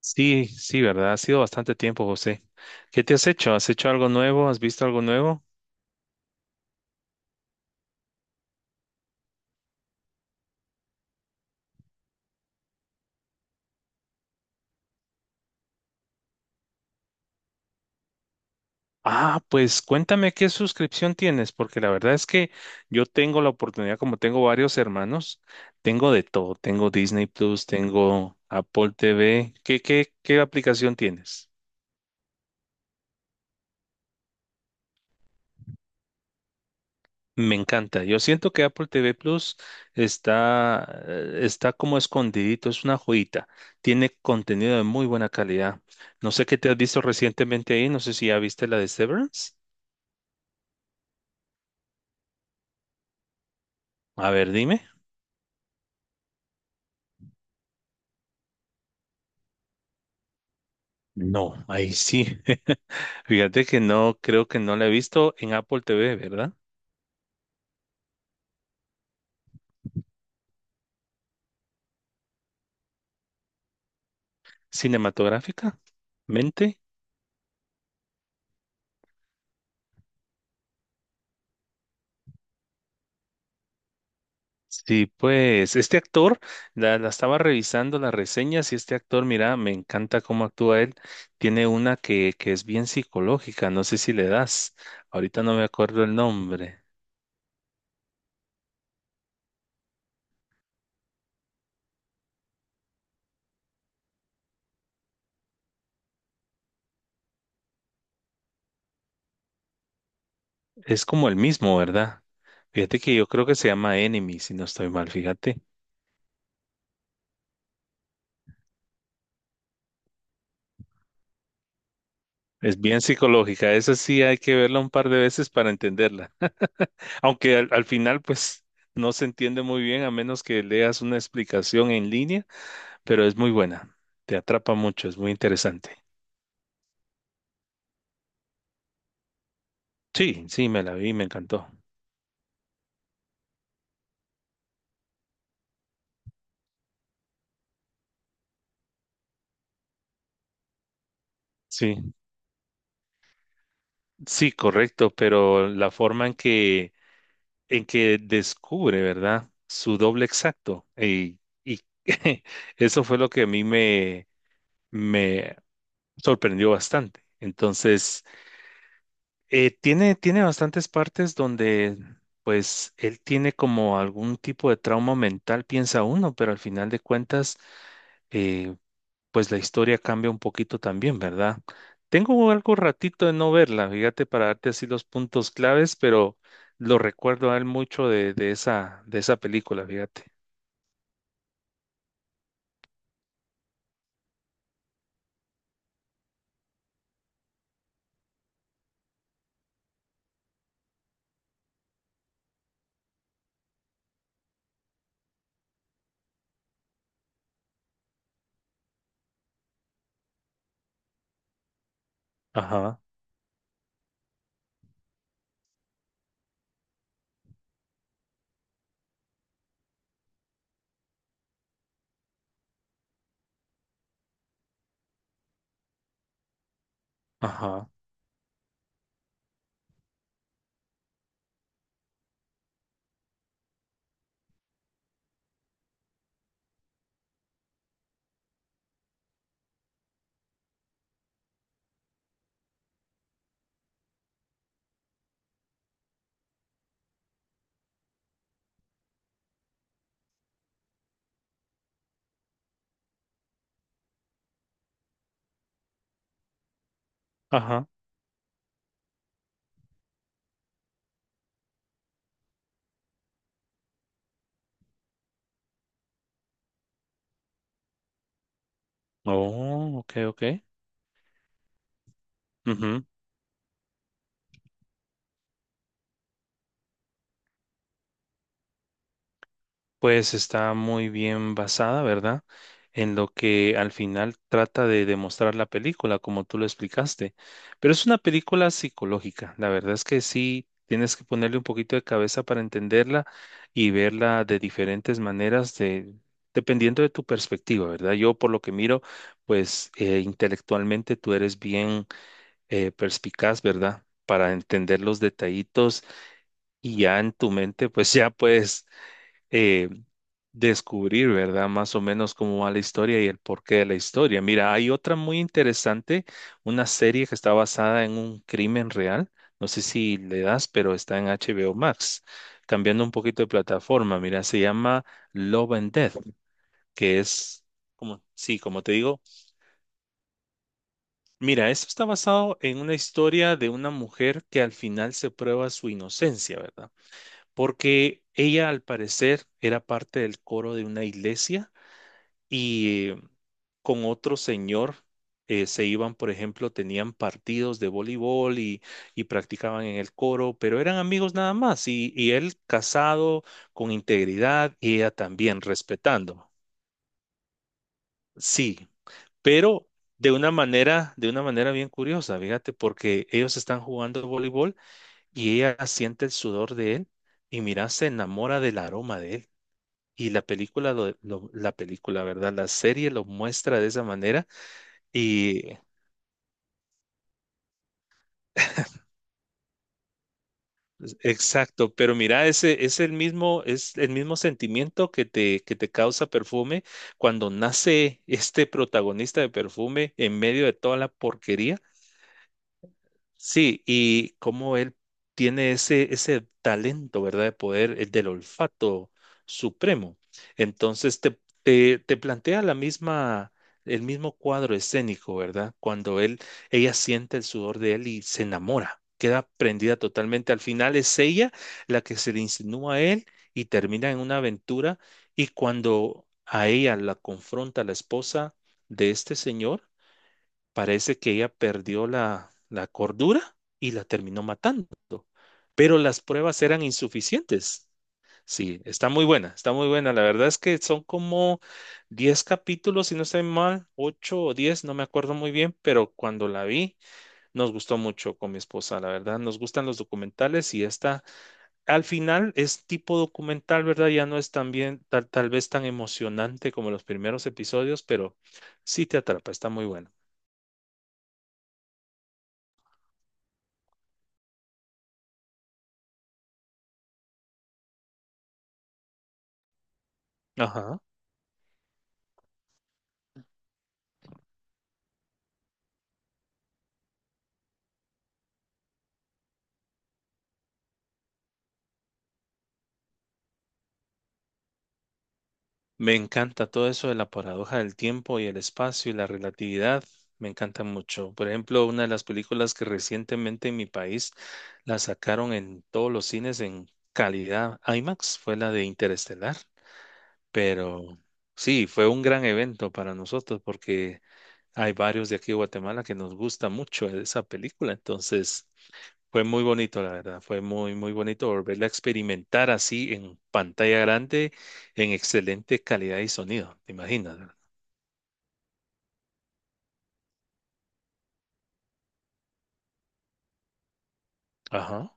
Sí, sí, ¿verdad? Ha sido bastante tiempo, José. ¿Qué te has hecho? ¿Has hecho algo nuevo? ¿Has visto algo nuevo? Ah, pues cuéntame qué suscripción tienes, porque la verdad es que yo tengo la oportunidad, como tengo varios hermanos, tengo de todo. Tengo Disney Plus, tengo Apple TV. ¿Qué aplicación tienes? Me encanta. Yo siento que Apple TV Plus está, está como escondidito, es una joyita. Tiene contenido de muy buena calidad. No sé qué te has visto recientemente ahí, no sé si ya viste la de Severance. A ver, dime. No, ahí sí. Fíjate que no, creo que no la he visto en Apple TV, ¿verdad? Cinematográfica, mente. Sí, pues este actor, la estaba revisando las reseñas y este actor, mira, me encanta cómo actúa él. Tiene una que es bien psicológica, no sé si le das. Ahorita no me acuerdo el nombre. Es como el mismo, ¿verdad? Fíjate que yo creo que se llama Enemy, si no estoy mal, fíjate. Es bien psicológica, esa sí hay que verla un par de veces para entenderla. Aunque al final, pues, no se entiende muy bien a menos que leas una explicación en línea, pero es muy buena, te atrapa mucho, es muy interesante. Sí, sí, me la vi, me encantó. Sí, sí, correcto, pero la forma en en que descubre, ¿verdad? Su doble exacto. Y eso fue lo que a mí me sorprendió bastante. Entonces, tiene bastantes partes donde, pues, él tiene como algún tipo de trauma mental, piensa uno, pero al final de cuentas, eh, pues la historia cambia un poquito también, ¿verdad? Tengo algo ratito de no verla, fíjate, para darte así los puntos claves, pero lo recuerdo a él mucho de esa película, fíjate. Ajá, ajá, ajá. Oh, ok, ok. Pues está muy bien basada, ¿verdad? En lo que al final trata de demostrar la película, como tú lo explicaste. Pero es una película psicológica. La verdad es que sí, tienes que ponerle un poquito de cabeza para entenderla y verla de diferentes maneras, de, dependiendo de tu perspectiva, ¿verdad? Yo por lo que miro, pues intelectualmente tú eres bien perspicaz, ¿verdad? Para entender los detallitos y ya en tu mente, pues ya puedes eh, descubrir, ¿verdad? Más o menos cómo va la historia y el porqué de la historia. Mira, hay otra muy interesante, una serie que está basada en un crimen real. No sé si le das, pero está en HBO Max. Cambiando un poquito de plataforma, mira, se llama Love and Death, que es como, sí, como te digo, mira, esto está basado en una historia de una mujer que al final se prueba su inocencia, ¿verdad? Porque ella al parecer era parte del coro de una iglesia y con otro señor, se iban, por ejemplo, tenían partidos de voleibol y practicaban en el coro, pero eran amigos nada más y él casado con integridad y ella también respetando. Sí, pero de una manera bien curiosa, fíjate, porque ellos están jugando voleibol y ella siente el sudor de él y mira, se enamora del aroma de él. Y la película, la película, ¿verdad? La serie lo muestra de esa manera. Y pues, exacto, pero mira, ese es el mismo sentimiento que que te causa perfume cuando nace este protagonista de perfume en medio de toda la porquería. Sí, y cómo él tiene ese, ese talento, ¿verdad? De poder, el del olfato supremo. Entonces te plantea la misma, el mismo cuadro escénico, ¿verdad? Cuando él, ella siente el sudor de él y se enamora, queda prendida totalmente. Al final es ella la que se le insinúa a él y termina en una aventura. Y cuando a ella la confronta la esposa de este señor, parece que ella perdió la, la cordura y la terminó matando, pero las pruebas eran insuficientes. Sí, está muy buena, está muy buena. La verdad es que son como 10 capítulos, si no estoy mal, 8 o 10 no me acuerdo muy bien, pero cuando la vi nos gustó mucho con mi esposa, la verdad. Nos gustan los documentales y esta al final es tipo documental, ¿verdad? Ya no es tan bien, tal vez tan emocionante como los primeros episodios, pero sí te atrapa, está muy buena. Ajá. Me encanta todo eso de la paradoja del tiempo y el espacio y la relatividad. Me encanta mucho. Por ejemplo, una de las películas que recientemente en mi país la sacaron en todos los cines en calidad IMAX fue la de Interestelar. Pero sí, fue un gran evento para nosotros porque hay varios de aquí de Guatemala que nos gusta mucho esa película. Entonces, fue muy bonito, la verdad, fue muy, muy bonito volverla a experimentar así en pantalla grande, en excelente calidad y sonido, te imaginas, ¿verdad? Ajá,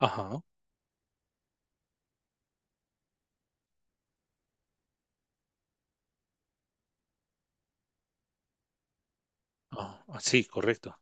ajá, ajá, ah, sí, correcto.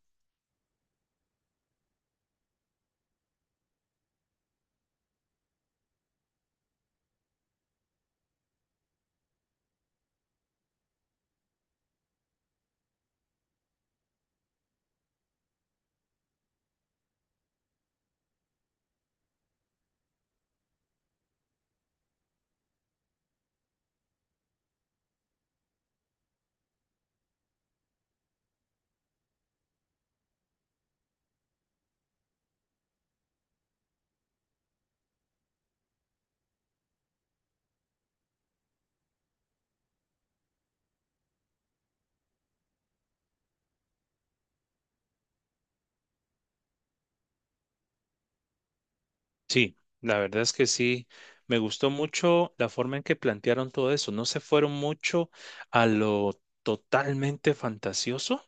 Sí, la verdad es que sí, me gustó mucho la forma en que plantearon todo eso, no se fueron mucho a lo totalmente fantasioso,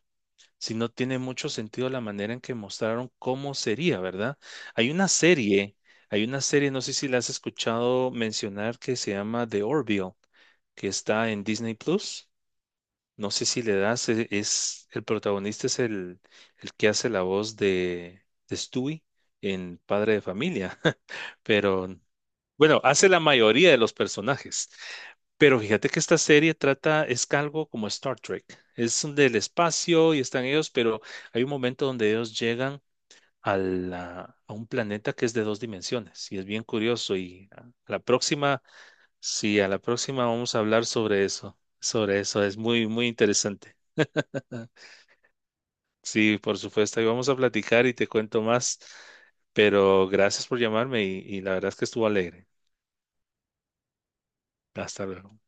si no tiene mucho sentido la manera en que mostraron cómo sería, ¿verdad? Hay una serie, hay una serie, no sé si la has escuchado mencionar, que se llama The Orville, que está en Disney Plus. No sé si le das, es, el protagonista es el que hace la voz de Stewie en Padre de Familia, pero bueno, hace la mayoría de los personajes. Pero fíjate que esta serie trata, es algo como Star Trek. Es un del espacio y están ellos, pero hay un momento donde ellos llegan a, a un planeta que es de dos dimensiones y es bien curioso. Y a la próxima, sí, a la próxima vamos a hablar sobre eso. Sobre eso, es muy, muy interesante. Sí, por supuesto, ahí vamos a platicar y te cuento más. Pero gracias por llamarme y la verdad es que estuvo alegre. Hasta luego.